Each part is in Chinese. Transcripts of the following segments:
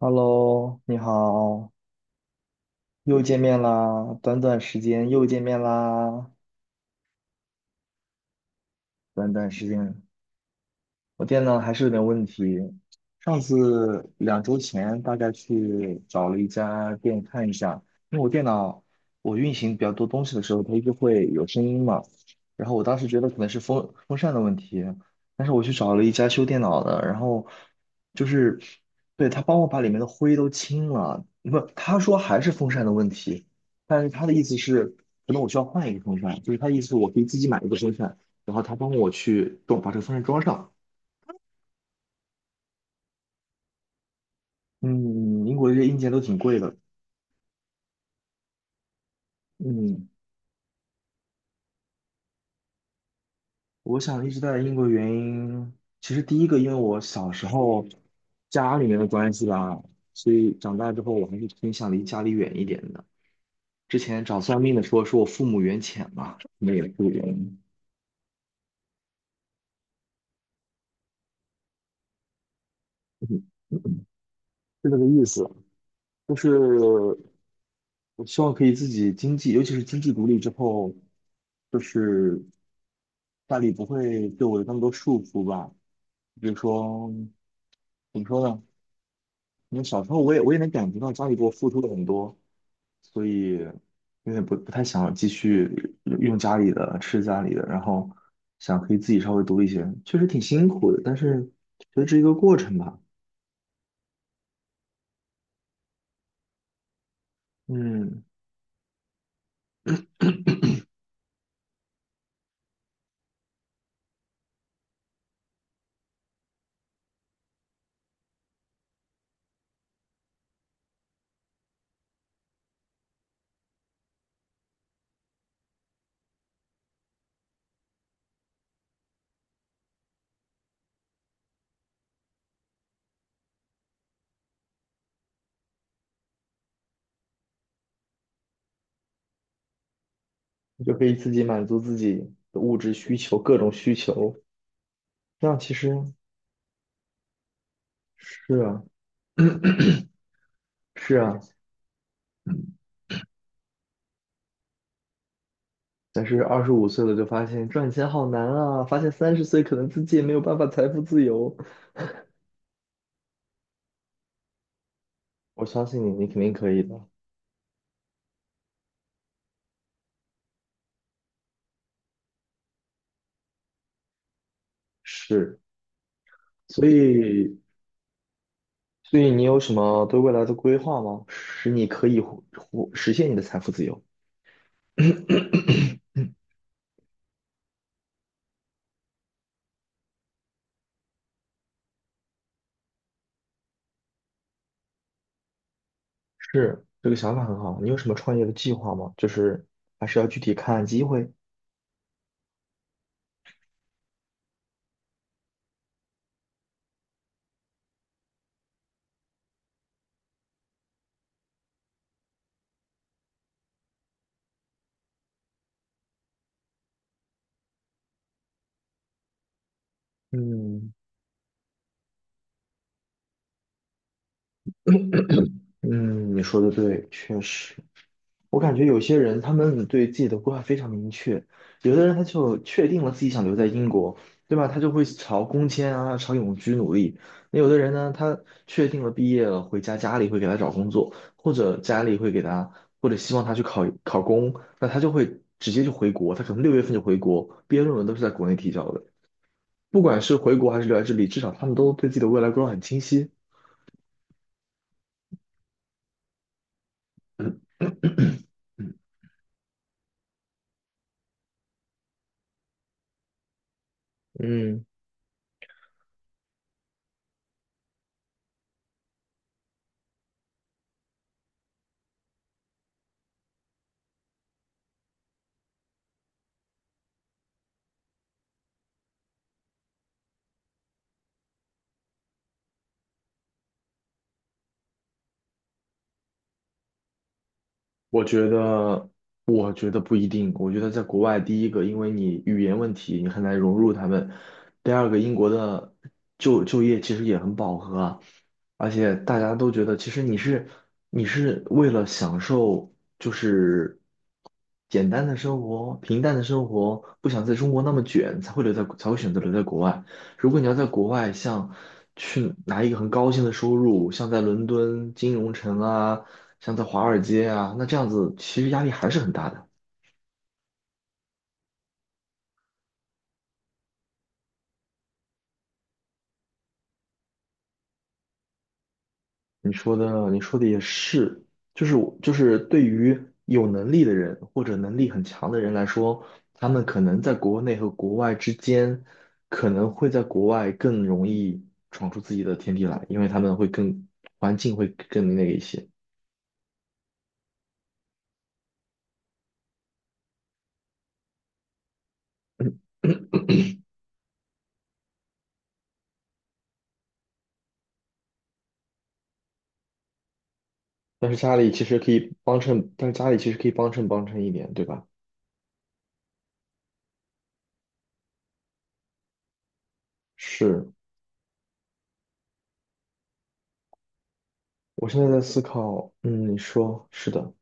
Hello，你好，又见面啦！短短时间又见面啦！短短时间，我电脑还是有点问题。上次2周前大概去找了一家店看一下，因为我电脑我运行比较多东西的时候，它一直会有声音嘛。然后我当时觉得可能是风扇的问题，但是我去找了一家修电脑的，然后就是对他帮我把里面的灰都清了，不，他说还是风扇的问题，但是他的意思是可能我需要换一个风扇，就是他的意思是我可以自己买一个风扇，然后他帮我去装把这个风扇装上。嗯，英国这些硬件都挺贵的。嗯，我想一直待在英国原因，其实第一个因为我小时候家里面的关系吧，所以长大之后我还是偏向离家里远一点的。之前找算命的说说我父母缘浅嘛，那也个原因，嗯是这个意思。就是我希望可以自己经济，尤其是经济独立之后，就是家里不会对我有那么多束缚吧。比如说，怎么说呢？因为小时候我也能感觉到家里给我付出了很多，所以有点不太想继续用家里的吃家里的，然后想可以自己稍微读一些，确实挺辛苦的，但是觉得这是一个过程吧，嗯，你就可以自己满足自己的物质需求，各种需求，这样其实是啊。是啊，嗯但是25岁了就发现赚钱好难啊，发现30岁可能自己也没有办法财富自由。我相信你，你肯定可以的。是。所以，所以你有什么对未来的规划吗？使你可以实现你的财富自由？是，这个想法很好。你有什么创业的计划吗？就是还是要具体看机会。嗯嗯，你说的对，确实。我感觉有些人他们对自己的规划非常明确，有的人他就确定了自己想留在英国，对吧？他就会朝工签啊、朝永居努力。那有的人呢，他确定了毕业了，回家家里会给他找工作，或者家里会给他，或者希望他去考考公，那他就会直接就回国，他可能6月份就回国，毕业论文都是在国内提交的。不管是回国还是留在这里，至少他们都对自己的未来规划很清晰。嗯，嗯我觉得，我觉得不一定。我觉得在国外，第一个，因为你语言问题，你很难融入他们；第二个，英国的就业其实也很饱和啊，而且大家都觉得，其实你是为了享受，就是简单的生活、平淡的生活，不想在中国那么卷，才会留在，才会选择留在国外。如果你要在国外，像去拿一个很高薪的收入，像在伦敦金融城啊，像在华尔街啊，那这样子其实压力还是很大的。你说的也是，就是我就是对于有能力的人或者能力很强的人来说，他们可能在国内和国外之间，可能会在国外更容易闯出自己的天地来，因为他们环境会更那个一些。嗯但是家里其实可以帮衬帮衬一点，对吧？是，我现在在思考，你说是的，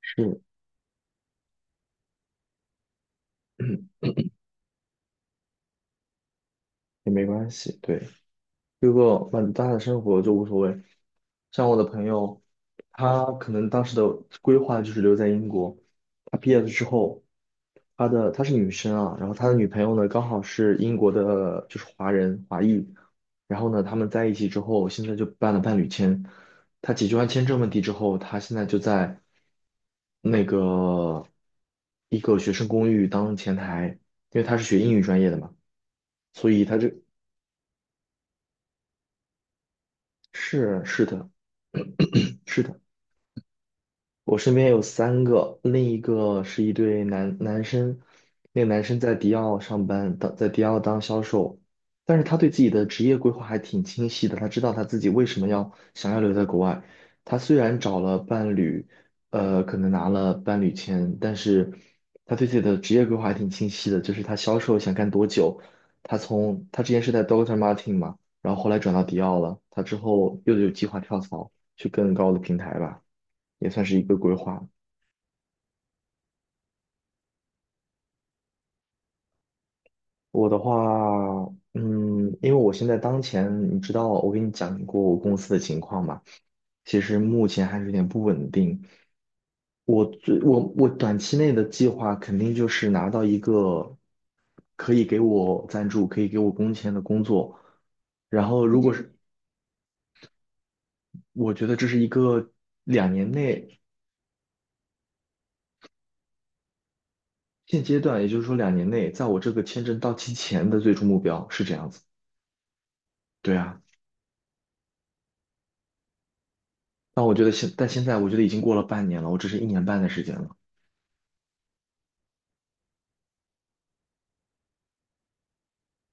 是，也没关系，对。如果满大的生活就无所谓。像我的朋友，他可能当时的规划就是留在英国。他毕业了之后，她是女生啊，然后他的女朋友呢刚好是英国的，就是华人华裔。然后呢，他们在一起之后，现在就办了伴侣签。他解决完签证问题之后，他现在就在那个一个学生公寓当前台，因为他是学英语专业的嘛。所以是是的，是的，我身边有三个，另一个是一对男生，那个男生在迪奥上班，在迪奥当销售，但是他对自己的职业规划还挺清晰的，他知道他自己为什么想要留在国外。他虽然找了伴侣，可能拿了伴侣签，但是他对自己的职业规划还挺清晰的，就是他销售想干多久，他之前是在 Dr. o t Martin 嘛，然后后来转到迪奥了，他之后又有计划跳槽去更高的平台吧。也算是一个规划。我的话，嗯，因为我现在当前，你知道，我跟你讲过我公司的情况嘛，其实目前还是有点不稳定。我最我我短期内的计划肯定就是拿到一个可以给我赞助、可以给我工钱的工作，然后如果是我觉得这是一个两年内现阶段，也就是说两年内，在我这个签证到期前的最终目标是这样子。对啊。但我觉得但现在我觉得已经过了半年了，我只是1年半的时间了。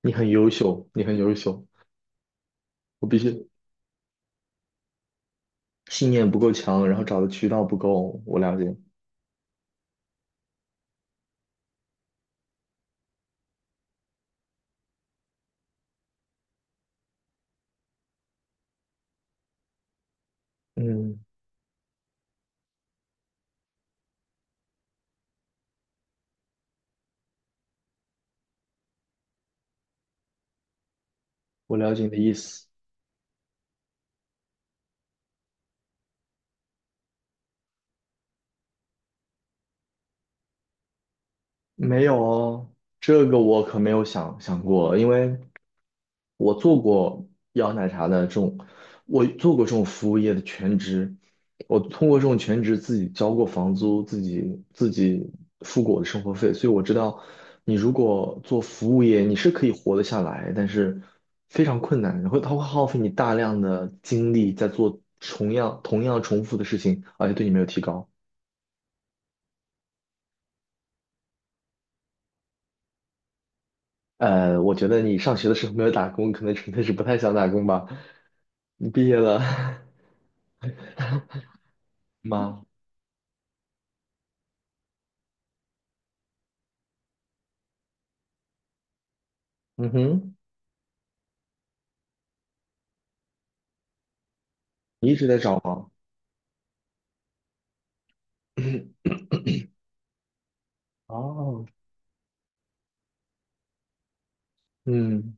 你很优秀，你很优秀，我必须信念不够强，然后找的渠道不够，我了解。嗯，我了解你的意思。没有哦，这个我可没有想过，因为我做过摇奶茶的这种，我做过这种服务业的全职，我通过这种全职自己交过房租，自己付过我的生活费，所以我知道，你如果做服务业，你是可以活得下来，但是非常困难，然后它会耗费你大量的精力在做同样重复的事情，而且对你没有提高。我觉得你上学的时候没有打工，可能纯粹是不太想打工吧。你毕业了 吗？嗯哼。你一直在找吗？哦，嗯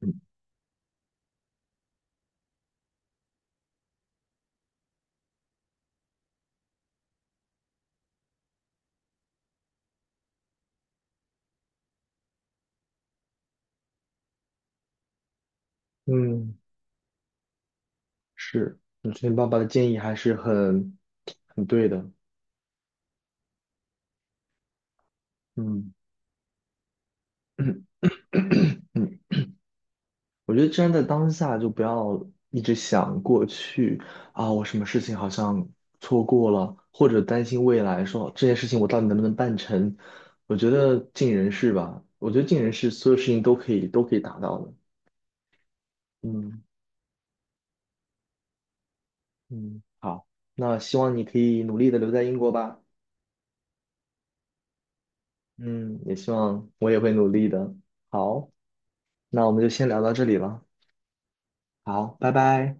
嗯嗯，是，我觉得爸爸的建议还是很对的。嗯 嗯，我觉得站在当下就不要一直想过去啊，我什么事情好像错过了，或者担心未来，说这件事情我到底能不能办成？我觉得尽人事吧，我觉得尽人事，所有事情都可以达到的。嗯嗯，好，那希望你可以努力的留在英国吧。嗯，也希望我也会努力的。好，那我们就先聊到这里了。好，拜拜。